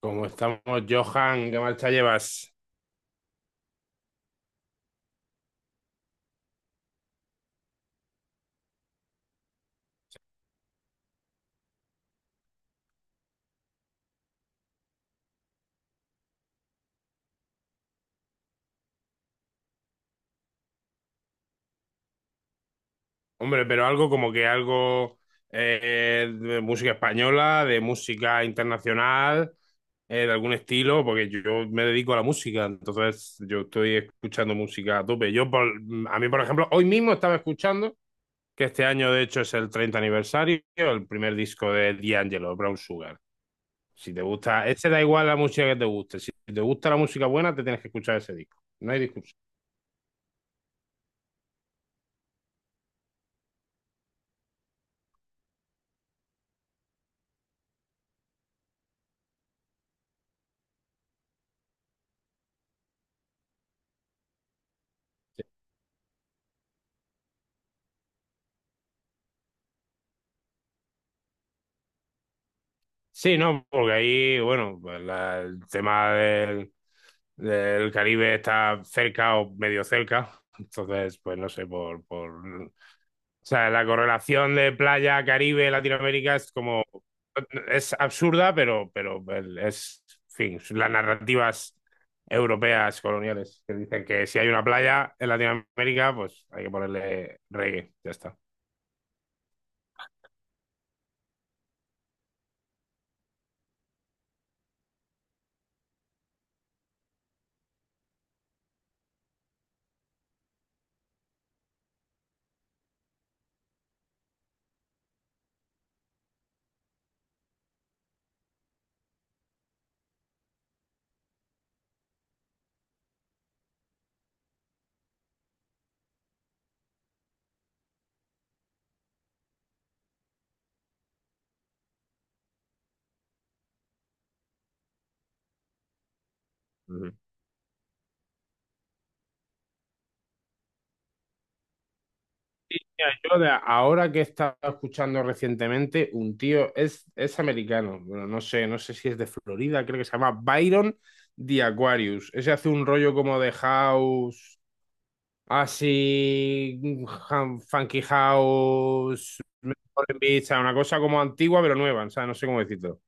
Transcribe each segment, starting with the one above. Como estamos, Johan, ¿qué marcha llevas? Hombre, pero algo como que algo de música española, de música internacional, de algún estilo, porque yo me dedico a la música, entonces yo estoy escuchando música a tope. A mí, por ejemplo, hoy mismo estaba escuchando, que este año de hecho es el 30 aniversario, el primer disco de D'Angelo, Brown Sugar. Si te gusta, ese da igual la música que te guste, si te gusta la música buena, te tienes que escuchar ese disco, no hay discusión. Sí, no, porque ahí, bueno, pues el tema del Caribe está cerca o medio cerca. Entonces, pues no sé, o sea, la correlación de playa, Caribe, Latinoamérica es como. Es absurda, pero en fin, las narrativas europeas coloniales que dicen que si hay una playa en Latinoamérica, pues hay que ponerle reggae, ya está. Mira, yo de ahora que he estado escuchando recientemente, un tío es americano, bueno, no sé si es de Florida, creo que se llama Byron The Aquarius. Ese hace un rollo como de house, así, funky house, Foreign Beach, o sea, una cosa como antigua pero nueva, o sea, no sé cómo decirlo.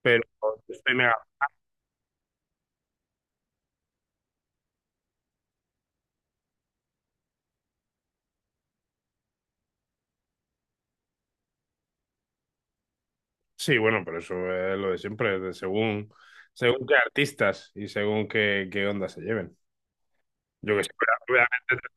Pero estoy mega. Sí, bueno, pero eso es lo de siempre, de según qué artistas y según qué onda se lleven. Yo que sé, pero obviamente.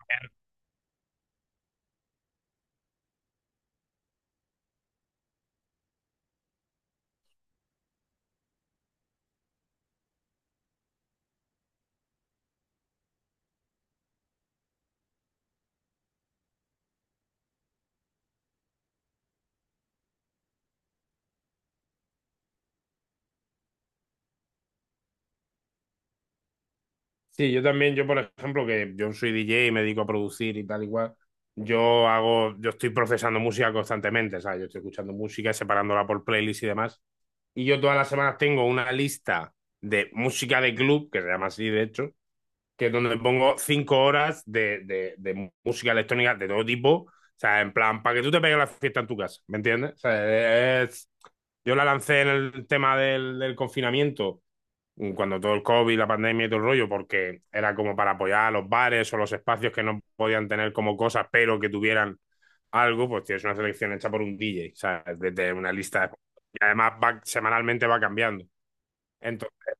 Sí, yo también, yo por ejemplo, que yo soy DJ y me dedico a producir y tal y cual, yo estoy procesando música constantemente, ¿sabes? Yo estoy escuchando música, separándola por playlists y demás. Y yo todas las semanas tengo una lista de música de club, que se llama así de hecho, que es donde pongo 5 horas de música electrónica de todo tipo. O sea, en plan, para que tú te pegues la fiesta en tu casa, ¿me entiendes? O sea, es. Yo la lancé en el tema del confinamiento, cuando todo el COVID, la pandemia y todo el rollo, porque era como para apoyar a los bares o los espacios que no podían tener como cosas, pero que tuvieran algo, pues tienes una selección hecha por un DJ, o sea, desde una lista de. Y además va, semanalmente va cambiando. Entonces.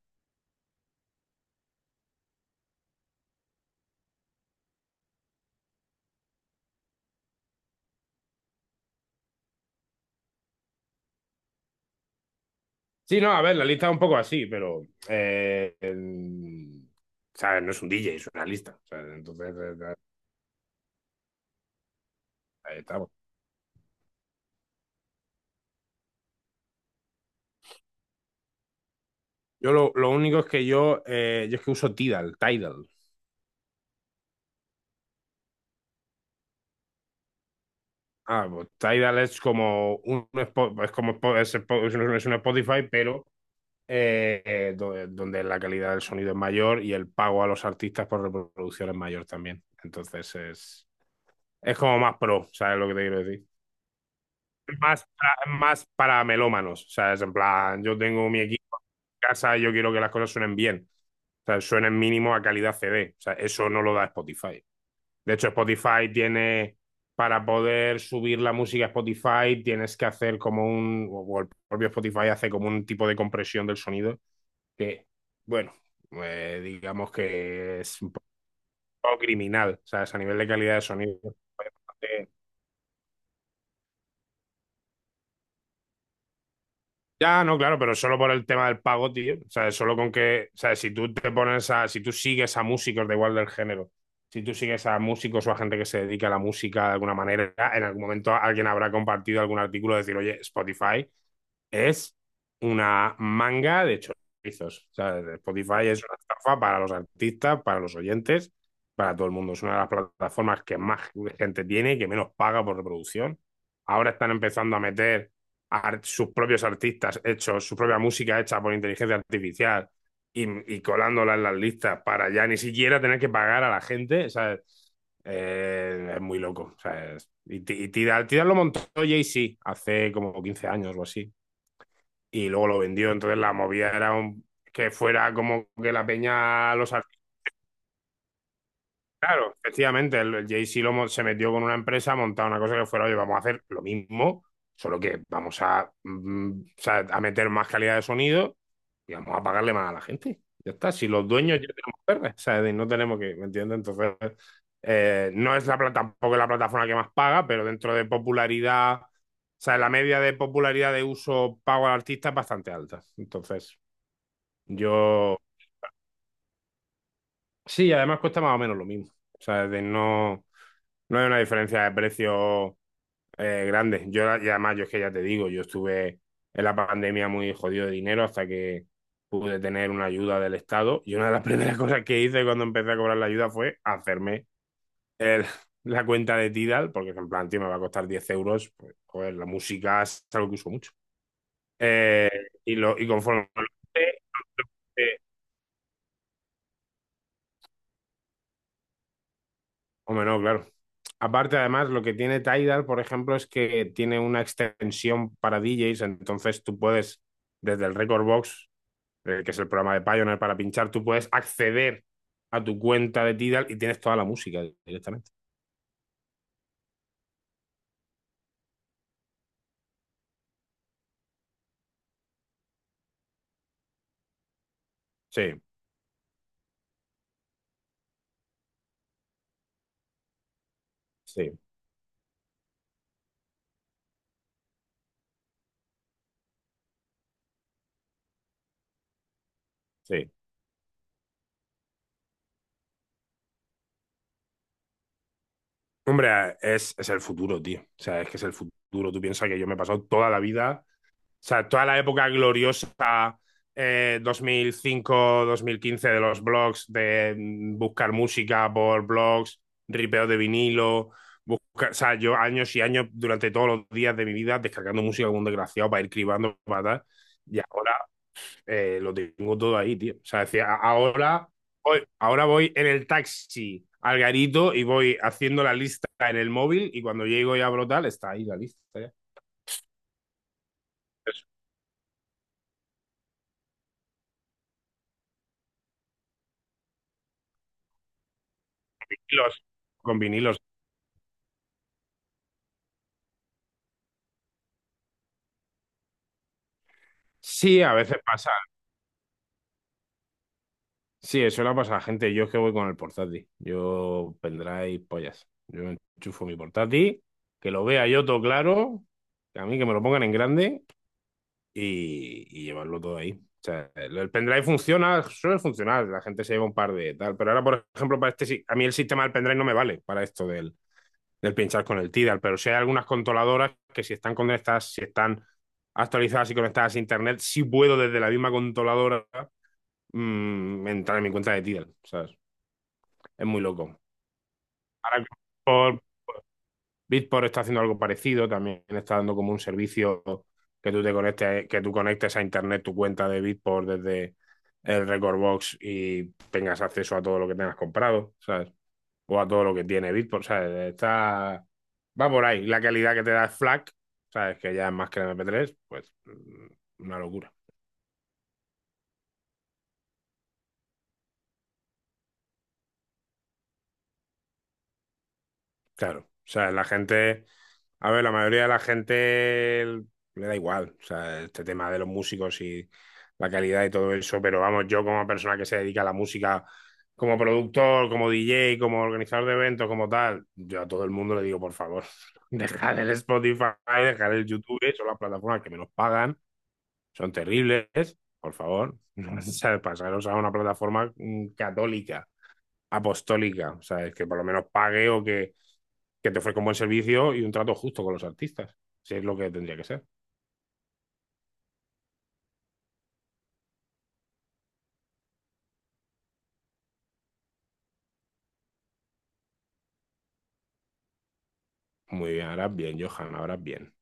Sí, no, a ver, la lista es un poco así, pero. eh, el- o sea, no es un DJ, es una lista. O sea, entonces, ahí estamos. Yo lo único es que yo es que uso Tidal. Ah, pues Tidal es como un Spo- es como Spo- es, Spo- es un Spotify, pero donde la calidad del sonido es mayor y el pago a los artistas por reproducción es mayor también. Entonces es como más pro, ¿sabes lo que te quiero decir? Más para melómanos. O sea, es en plan, yo tengo mi equipo en casa y yo quiero que las cosas suenen bien. O sea, suenen mínimo a calidad CD. O sea, eso no lo da Spotify. De hecho, Spotify tiene, para poder subir la música a Spotify, tienes que hacer o el propio Spotify hace como un tipo de compresión del sonido que, bueno, digamos que es un poco criminal. O sea, es a nivel de calidad de sonido. Ya, no, claro, pero solo por el tema del pago, tío. O sea, solo con que, o sea, si tú te pones a, si tú sigues a músicos de igual del género, si tú sigues a músicos o a gente que se dedica a la música de alguna manera, en algún momento alguien habrá compartido algún artículo de decir, oye, Spotify es una manga de chorizos. O sea, Spotify es una estafa para los artistas, para los oyentes, para todo el mundo. Es una de las plataformas que más gente tiene y que menos paga por reproducción. Ahora están empezando a meter a sus propios artistas hechos, su propia música hecha por inteligencia artificial y colándola en las listas para ya ni siquiera tener que pagar a la gente. O sea, es muy loco. O sea, Tidal lo montó Jay-Z hace como 15 años o así y luego lo vendió. Entonces la movida era que fuera como que la peña los artistas. Claro, efectivamente, el Jay-Z se metió con una empresa, montó una cosa que fuera, oye, vamos a hacer lo mismo, solo que vamos a, o sea, a meter más calidad de sonido y vamos a pagarle más a la gente. Ya está, si los dueños ya tenemos verdes, o sea, no tenemos que, ¿me entiendes? Entonces, no es la plata, tampoco es la plataforma que más paga, pero dentro de popularidad, o sea, la media de popularidad de uso pago al artista es bastante alta. Entonces, Yo, sí, además cuesta más o menos lo mismo. O sea, de no, no hay una diferencia de precio grande. Yo, y además, yo es que ya te digo, yo estuve en la pandemia muy jodido de dinero hasta que pude tener una ayuda del Estado. Y una de las primeras cosas que hice cuando empecé a cobrar la ayuda fue hacerme el- la cuenta de Tidal, porque en plan, tío, me va a costar 10 euros. Pues, joder, la música es algo que uso mucho. Eh, y, lo, y conforme Hombre, no, claro. Aparte, además, lo que tiene Tidal, por ejemplo, es que tiene una extensión para DJs, entonces tú puedes, desde el Record Box, que es el programa de Pioneer para pinchar, tú puedes acceder a tu cuenta de Tidal y tienes toda la música directamente. Sí, sí, sí. Hombre, es el futuro, tío. O sea, es que es el futuro. Tú piensas que yo me he pasado toda la vida. O sea, toda la época gloriosa 2005-2015 de los blogs, buscar música por blogs, ripeo de vinilo, buscar, o sea, yo años y años durante todos los días de mi vida descargando música como un desgraciado para ir cribando, para tal, y ahora lo tengo todo ahí, tío. O sea, es decir, ahora voy en el taxi al garito y voy haciendo la lista en el móvil y cuando llego y abro tal, está ahí la lista ya. Los vinilos, con vinilos. Sí, a veces pasa. Sí, eso le pasa a la gente. Yo es que voy con el portátil. Yo pendrive pollas. Yo enchufo mi portátil, que lo vea yo todo claro, que a mí que me lo pongan en grande y llevarlo todo ahí. O sea, el pendrive funciona, suele funcionar, la gente se lleva un par de tal, pero ahora, por ejemplo, para este, a mí el sistema del pendrive no me vale para esto del pinchar con el Tidal, pero sí hay algunas controladoras que si están conectadas, si están actualizadas y conectadas a internet, sí puedo desde la misma controladora entrar en mi cuenta de Tidal, ¿sabes? Es muy loco. Ahora por Bitport está haciendo algo parecido, también está dando como un servicio que tú conectes a internet tu cuenta de Bitport desde el Record Box y tengas acceso a todo lo que tengas comprado, ¿sabes? O a todo lo que tiene Bitport, ¿sabes? Está Va por ahí. La calidad que te da el FLAC, ¿sabes? Que ya es más que el MP3, pues una locura. Claro, o sea, la gente, a ver, la mayoría de la gente le da igual, o sea, este tema de los músicos y la calidad y todo eso, pero vamos, yo como persona que se dedica a la música, como productor, como DJ, como organizador de eventos, como tal, yo a todo el mundo le digo, por favor, dejar el Spotify, dejar el YouTube, son las plataformas que menos pagan, son terribles, por favor, o sea, pasaros a una plataforma católica, apostólica, o sea, es que por lo menos pague o que te ofrezca un buen servicio y un trato justo con los artistas. Si es lo que tendría que ser. Muy bien, ahora bien, Johan, ahora bien.